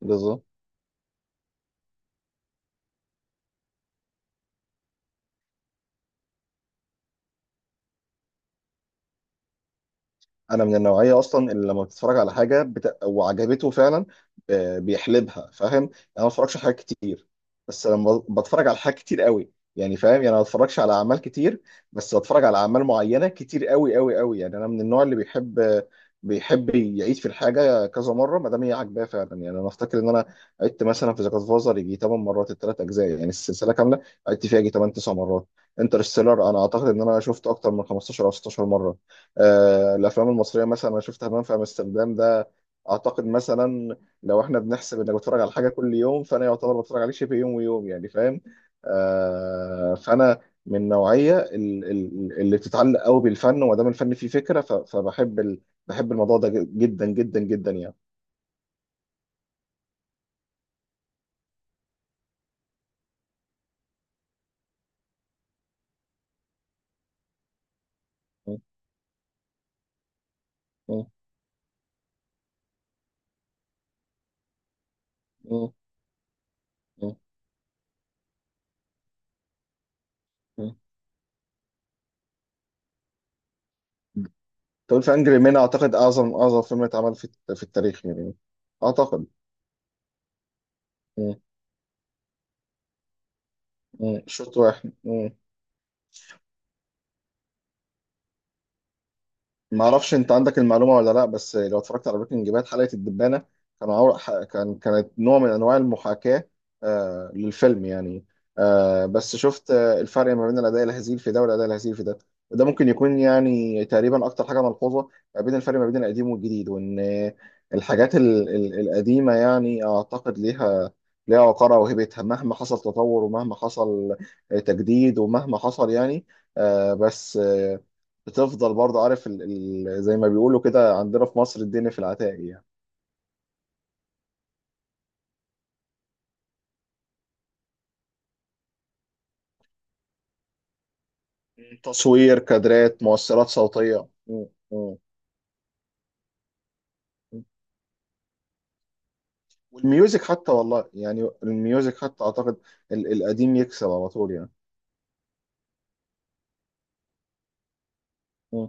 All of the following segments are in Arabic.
بالظبط. انا من النوعيه اصلا اللي لما بتتفرج على حاجه وعجبته فعلا، بيحلبها. فاهم؟ يعني انا ما بتفرجش على حاجات كتير، بس لما بتفرج على حاجات كتير قوي، يعني فاهم، يعني أنا ما بتفرجش على اعمال كتير، بس بتفرج على اعمال معينه كتير قوي قوي قوي. يعني انا من النوع اللي بيحب، بيحب يعيد في الحاجه كذا مره ما دام هي عاجباه فعلا. يعني انا افتكر ان انا عدت مثلا في ذا جاد فازر يجي 8 مرات، الثلاث اجزاء يعني السلسله كامله عدت فيها يجي 8 9 مرات. انترستيلر انا اعتقد ان انا شفته اكتر من 15 او 16 مره. الافلام المصريه مثلا انا شفت همام في امستردام ده، اعتقد مثلا لو احنا بنحسب انك بتتفرج على حاجه كل يوم فانا يعتبر بتفرج عليه شبه يوم ويوم، يعني فاهم. فانا من النوعيه اللي بتتعلق قوي بالفن، وما دام الفن فيه فكره فبحب بحب الموضوع ده جدا جدا جدا يعني. م- م- م- م- م. طب الف انجري مان اعتقد اعظم اعظم فيلم اتعمل في التاريخ يعني اعتقد. م- م. شوط واحد. ما اعرفش انت عندك المعلومه ولا لا، بس لو اتفرجت على بريكنج باد حلقه الدبانه، كانوا عور... ح- كان كانت نوع من انواع المحاكاه آه للفيلم يعني. آه بس شفت آه الفرق ما بين الاداء الهزيل في ده والاداء الهزيل في ده، وده ممكن يكون يعني تقريبا اكتر حاجه ملحوظه ما بين الفرق ما بين القديم والجديد. وان الحاجات القديمه يعني اعتقد ليها ليها وقارها وهيبتها مهما حصل تطور ومهما حصل تجديد ومهما حصل يعني. آه بس بتفضل برضه. عارف زي ما بيقولوا كده عندنا في مصر، الدنيا في العتاق يعني. مم. تصوير تصوير كادرات مؤثرات صوتية. م- م- م. والميوزك حتى، والله يعني الميوزك حتى أعتقد القديم يكسب على طول يعني. م-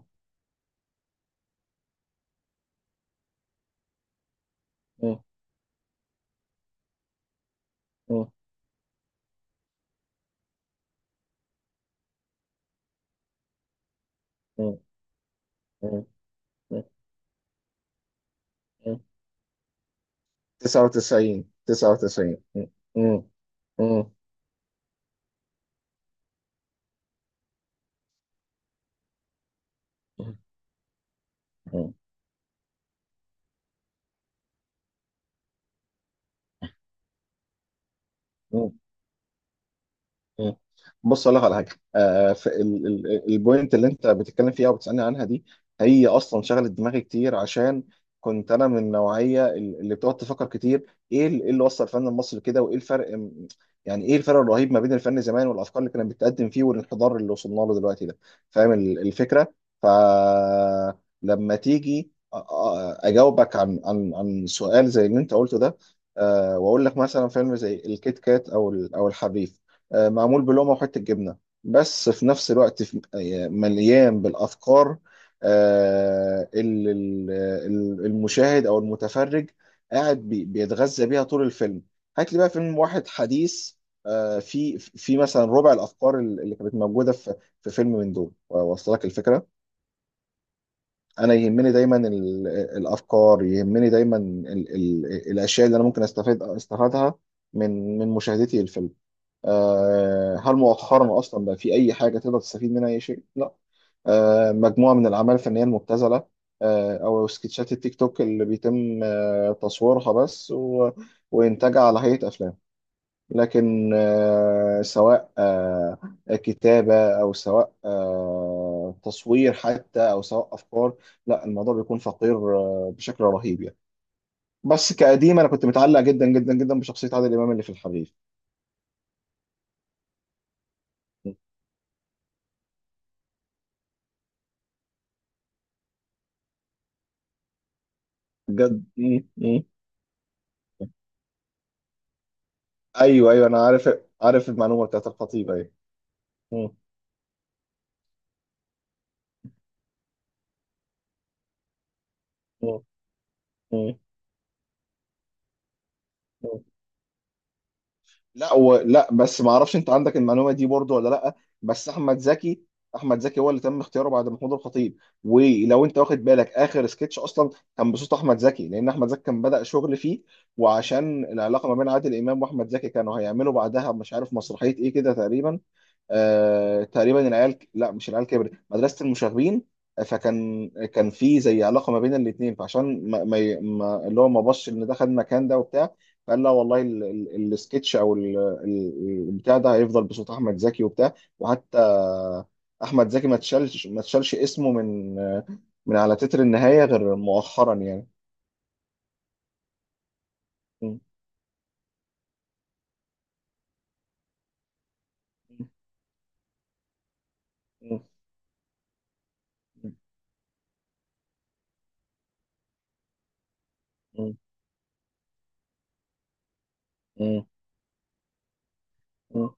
م- م- م- م- م- م. 99 99. م- م- م- م- م- مم. بص اقول لك على حاجه. آه في البوينت اللي انت بتتكلم فيها وبتسالني عنها دي، هي اصلا شغلت دماغي كتير عشان كنت انا من النوعيه اللي بتقعد تفكر كتير. ايه إيه اللي وصل الفن المصري كده، وايه الفرق، يعني ايه الفرق الرهيب ما بين الفن زمان والافكار اللي كانت بتقدم فيه والانحدار اللي وصلنا له دلوقتي ده. فاهم الفكره؟ فلما تيجي اجاوبك عن سؤال زي اللي انت قلته ده، آه واقول لك مثلا فيلم زي الكيت كات او او الحريف، معمول بلومه وحته جبنه، بس في نفس الوقت مليان بالافكار، اللي المشاهد او المتفرج قاعد بيتغذى بيها طول الفيلم. هات لي بقى فيلم واحد حديث في مثلا ربع الافكار اللي كانت موجوده في في فيلم من دول واصل لك الفكره. انا يهمني دايما الافكار، يهمني دايما ال- الاشياء اللي انا ممكن استفيد استفادها من مشاهدتي للفيلم. هل مؤخرا اصلا بقى في اي حاجه تقدر تستفيد منها اي شيء؟ لا. مجموعه من الاعمال الفنيه المبتذله، او سكتشات التيك توك اللي بيتم تصويرها بس وانتاجها على هيئه افلام. لكن سواء كتابه او سواء تصوير حتى او سواء افكار، لا الموضوع بيكون فقير بشكل رهيب يعني. بس كقديم انا كنت متعلق جدا جدا جدا بشخصيه عادل امام اللي في الحريف. بجد. مم. مم. ايوه ايوه، انا عارف، عارف المعلومه بتاعت الخطيب، ايوه. مم. مم. مم. مم. لا بس ما اعرفش انت عندك المعلومه دي برضو ولا لا. بس احمد زكي، احمد زكي هو اللي تم اختياره بعد محمود الخطيب. ولو انت واخد بالك، اخر سكتش اصلا كان بصوت احمد زكي، لان احمد زكي كان بدأ شغل فيه. وعشان العلاقه ما بين عادل امام واحمد زكي، كانوا هيعملوا بعدها مش عارف مسرحيه ايه كده تقريبا، تقريبا العيال، لا مش العيال كبرت، مدرسة المشاغبين. فكان كان في زي علاقة ما بين الاتنين، فعشان ما... ما... ي- ما... اللي هو ما بصش ان ده خد المكان ده وبتاع. فقال لا والله السكتش او البتاع ده هيفضل بصوت احمد زكي وبتاع، وحتى احمد زكي ما تشالش اسمه من على تتر النهاية غير مؤخرا يعني. م- م- م- م- م- م-.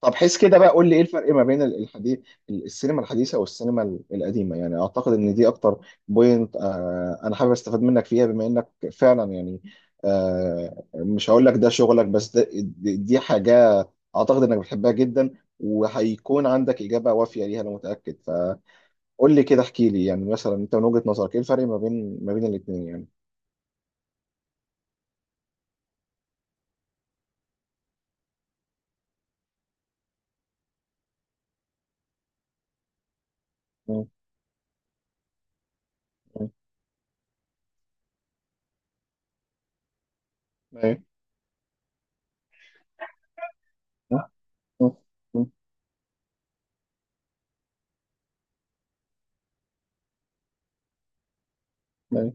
طب حس كده بقى، قول لي ايه الفرق ما بين الحديث، السينما الحديثه والسينما القديمه. يعني اعتقد ان دي اكتر بوينت آه انا حابب استفاد منك فيها، بما انك فعلا يعني آه مش هقول لك ده شغلك، بس ده دي حاجه اعتقد انك بتحبها جدا، وهيكون عندك اجابه وافيه ليها انا متاكد. فقول لي كده، احكي لي يعني مثلا انت من وجهه نظرك، ايه الفرق ما بين ما بين الاثنين يعني؟ م- م- أيوه. م- م- م- أيوه.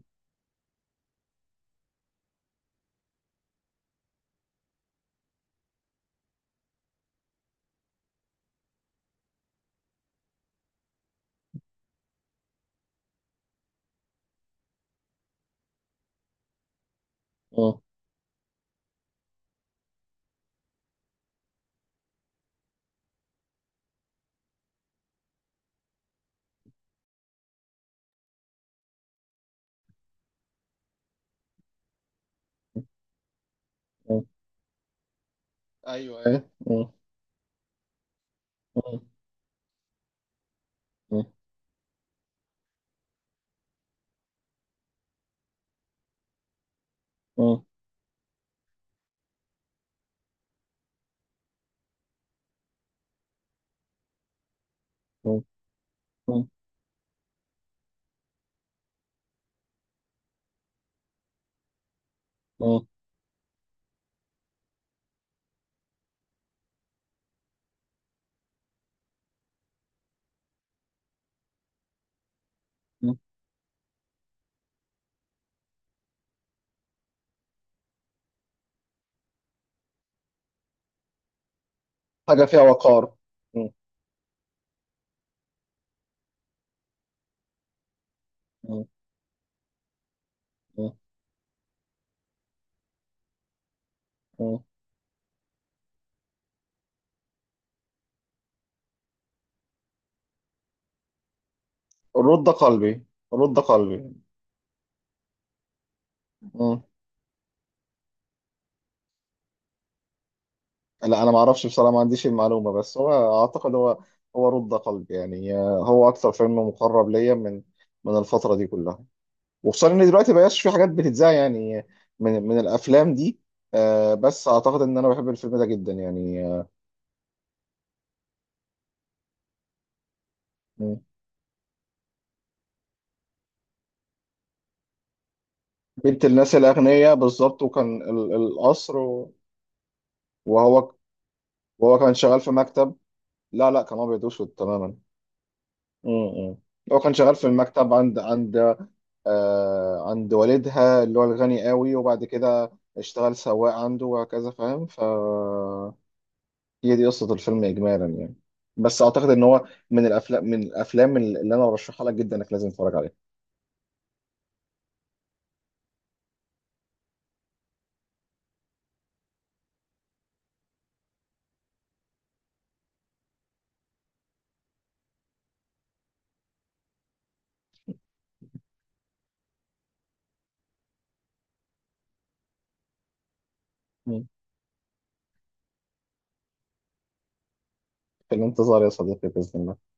م- م- ايوه أيوه. م- م- اه اه اه اه. حاجة فيها وقار. م. اه اه اه. رد قلبي. رد قلبي. م. لا أنا ما أعرفش بصراحة، ما عنديش المعلومة، بس هو أعتقد، هو رد قلبي يعني. هو أكثر فيلم مقرب ليا من الفترة دي كلها، وخصوصا إن دلوقتي مبقاش في حاجات بتتذاع يعني من الأفلام دي. بس أعتقد إن أنا بحب الفيلم ده جدا يعني آه. اه. بنت الناس الأغنياء بالظبط. وكان القصر و-. وهو وهو كان شغال في مكتب. لا لا، كان ابيض واسود تماما. امم. هو كان شغال في المكتب عند آه عند والدها اللي هو الغني قوي، وبعد كده اشتغل سواق عنده وهكذا، فاهم؟ ف هي دي قصة الفيلم اجمالا يعني. بس اعتقد ان هو من الافلام، من الافلام اللي انا برشحها لك جدا انك لازم تتفرج عليها. مم. في الانتظار يا صديقي باذن الله.